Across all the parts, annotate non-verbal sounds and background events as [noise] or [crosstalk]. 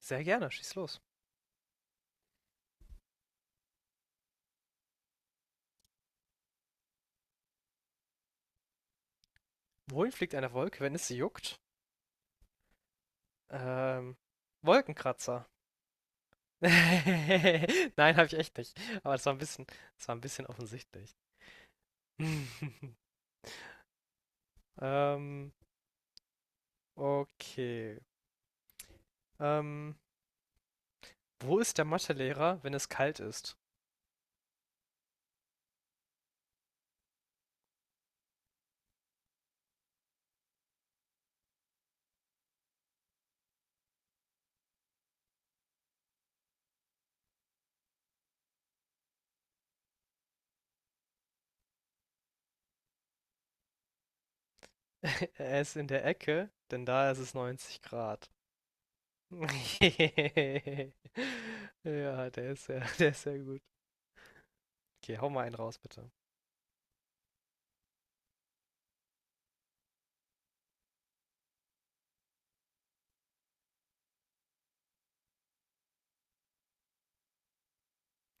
Sehr gerne, schieß los. Wohin fliegt eine Wolke, wenn es sie juckt? Ähm, Wolkenkratzer. [laughs] Nein, habe ich echt nicht. Aber das war ein das war ein bisschen offensichtlich. [laughs] Ähm, okay. Ähm, wo ist der Mathelehrer, wenn es kalt ist? [laughs] Er ist in der Ecke, denn da ist es 90 Grad. [laughs] Ja, der ist [laughs] der ist sehr gut. Okay, hau mal einen raus, bitte.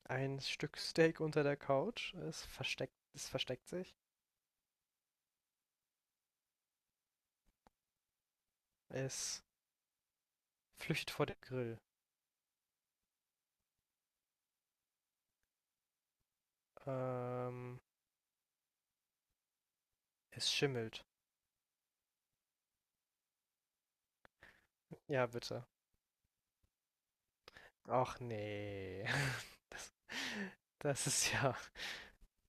Ein Stück Steak unter der Couch. Es es versteckt sich. Es flüchtet vor dem Grill. Ähm, es schimmelt. Ja, bitte. Ach nee. [laughs] Das, das ist ja,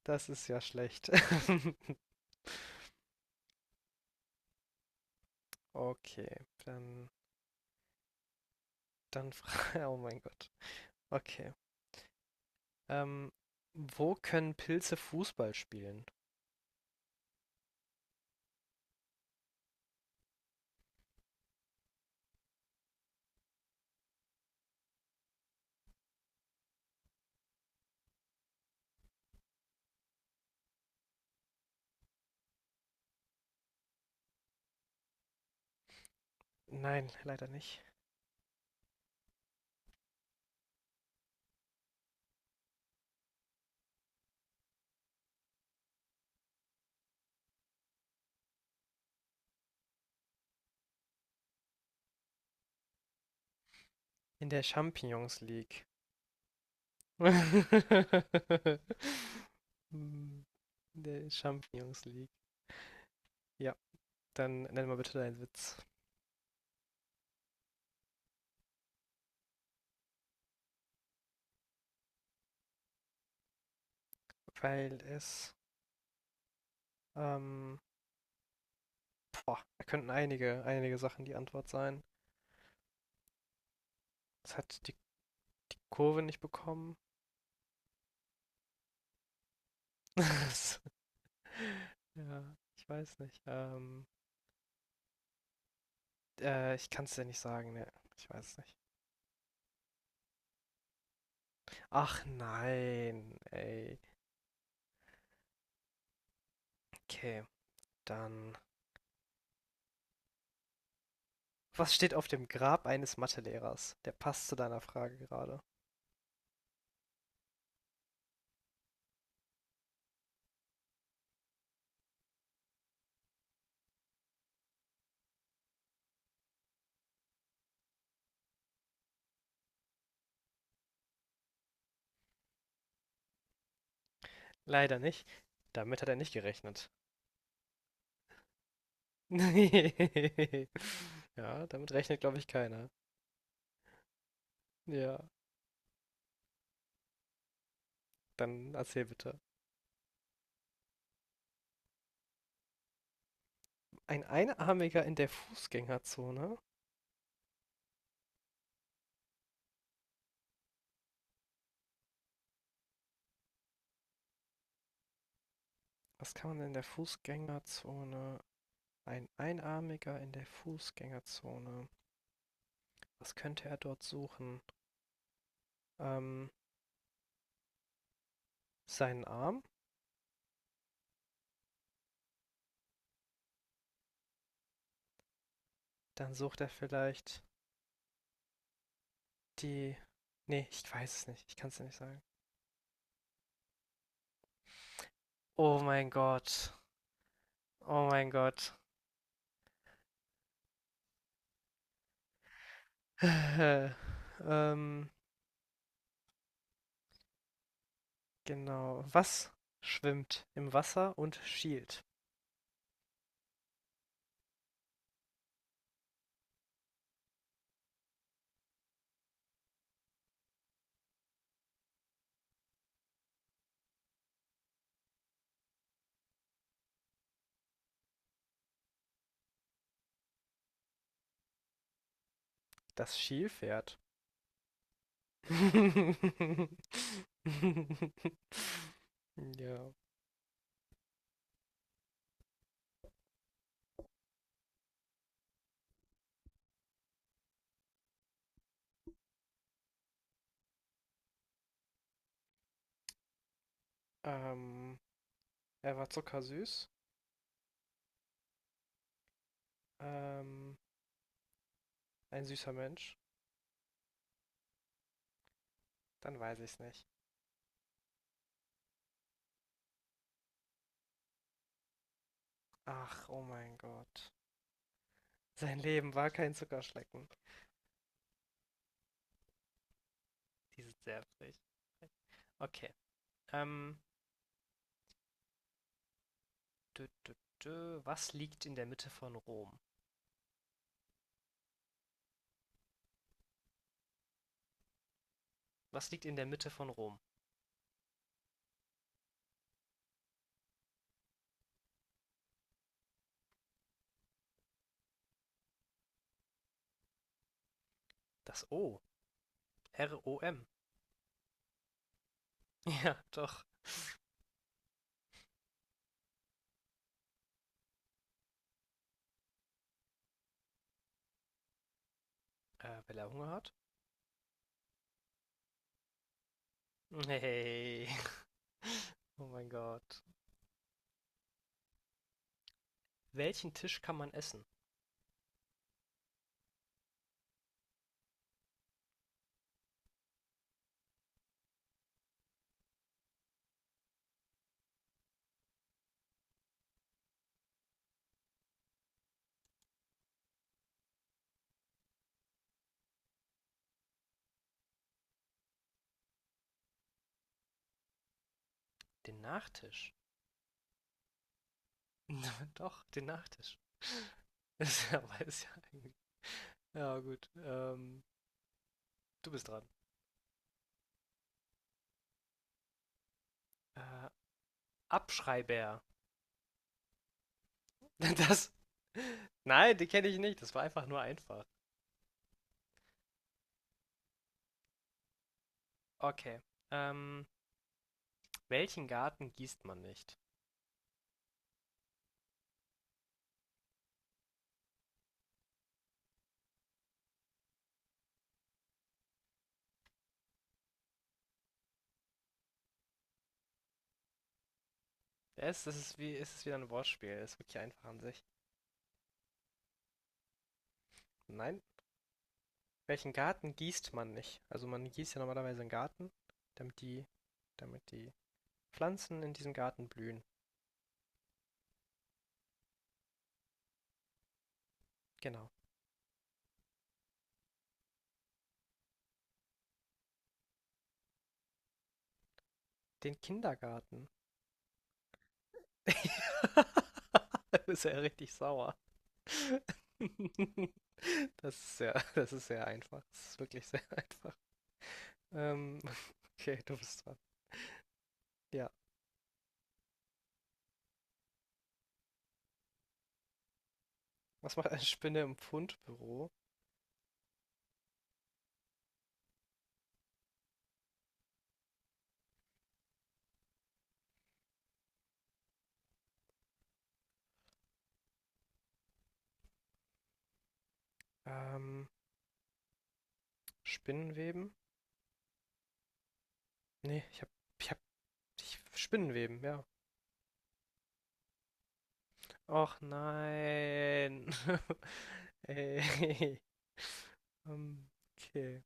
das ist ja schlecht. [laughs] Okay, fra- [laughs] oh mein Gott. Okay. Ähm, wo können Pilze Fußball spielen? Nein, leider nicht. In der Champions League. [laughs] Hm. In der Champions League. Ja, dann nenn mal bitte deinen Witz. Weil es, ähm, boah, da könnten einige Sachen die Antwort sein. Es hat die Kurve nicht bekommen. [laughs] Es- ja, ich weiß nicht. Ich kann es dir nicht sagen, ne. Ich weiß es nicht. Ach nein, ey. Okay, dann. Was steht auf dem Grab eines Mathelehrers? Der passt zu deiner Frage gerade. Leider nicht. Damit hat er nicht gerechnet. [laughs] Ja, damit rechnet, glaube ich, keiner. Ja, dann erzähl bitte. Ein Einarmiger in der Fußgängerzone. Was kann man denn in der Fußgängerzone? Ein Einarmiger in der Fußgängerzone. Was könnte er dort suchen? Ähm, seinen Arm? Dann sucht er vielleicht die. Nee, ich weiß es nicht. Ich kann es dir nicht sagen. Oh mein Gott. Oh mein Gott. [laughs] ähm, genau. Was schwimmt im Wasser und schielt? Das Schielpferd. [laughs] Ja, ähm, er war zuckersüß, ähm, ein süßer Mensch, dann weiß ich's nicht. Ach, oh mein Gott. Sein Leben war kein Zuckerschlecken. Die sind sehr frech. Okay, ähm, dö, dö, dö. Was liegt in der Mitte von Rom? Was liegt in der Mitte von Rom? Das O. R-O-M. [laughs] Ja, doch. Weil er Hunger hat? Hey. [laughs] Oh mein Gott. Welchen Tisch kann man essen? Den Nachtisch. [laughs] Doch, den Nachtisch. [laughs] Das ist ja, aber ist ja eigentlich. Ja, gut. Du bist dran. Äh, Abschreiber. [laughs] Das. Nein, die kenne ich nicht. Das war einfach nur einfach. Okay. Ähm, welchen Garten gießt man nicht? Es ist es ist wieder ein Wortspiel. Es ist wirklich einfach an sich. Nein. Welchen Garten gießt man nicht? Also man gießt ja normalerweise einen Garten, damit damit die Pflanzen in diesem Garten blühen. Genau. Den Kindergarten. [laughs] Da ist er richtig sauer. [laughs] Das ist sehr einfach. Das ist wirklich sehr einfach. Ähm, [laughs] okay, du bist dran. Ja. Was macht eine Spinne im Fundbüro? Ähm, Spinnenweben? Ne, ich habe ich Spinnenweben, ja. Och nein. [laughs] Ey. Ähm, okay.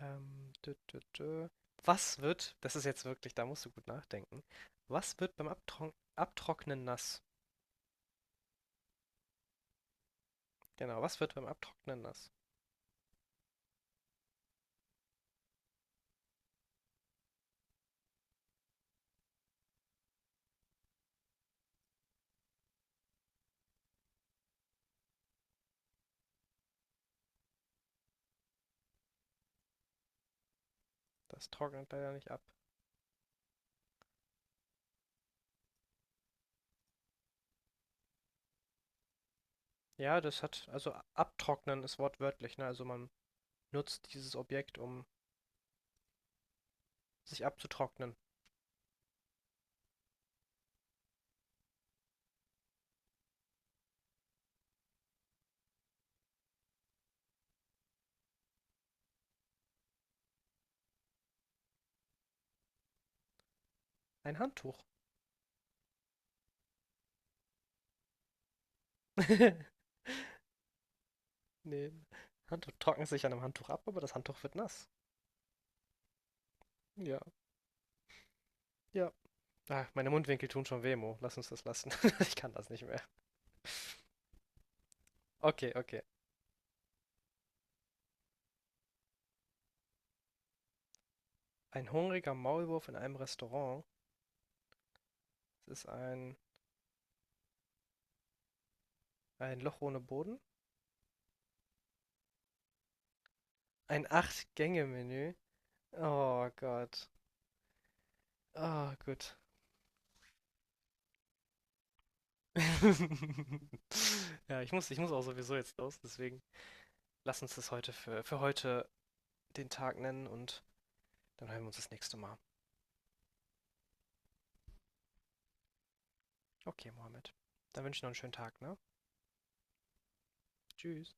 Dö, dö, dö. Was wird, das ist jetzt wirklich, da musst du gut nachdenken. Was wird beim Abtrock Abtrocknen nass? Genau, was wird beim Abtrocknen nass? Das trocknet leider nicht ab. Ja, das hat, also abtrocknen ist wortwörtlich, ne? Also man nutzt dieses Objekt, um sich abzutrocknen. Ein Handtuch. [laughs] Nee, Handtuch trocknet sich an einem Handtuch ab, aber das Handtuch wird nass. Ja, ja. Ah, meine Mundwinkel tun schon weh, Mo. Lass uns das lassen. [laughs] Ich kann das nicht mehr. Okay, okay. Ein hungriger Maulwurf in einem Restaurant. Das ist ein Loch ohne Boden. Ein Acht-Gänge-Menü. Oh Gott. Ah, oh, gut. [laughs] Ja, ich muss auch sowieso jetzt los, deswegen lass uns das heute für heute den Tag nennen und dann hören wir uns das nächste Mal. Okay, Mohammed. Dann wünsche ich noch einen schönen Tag, ne? Tschüss.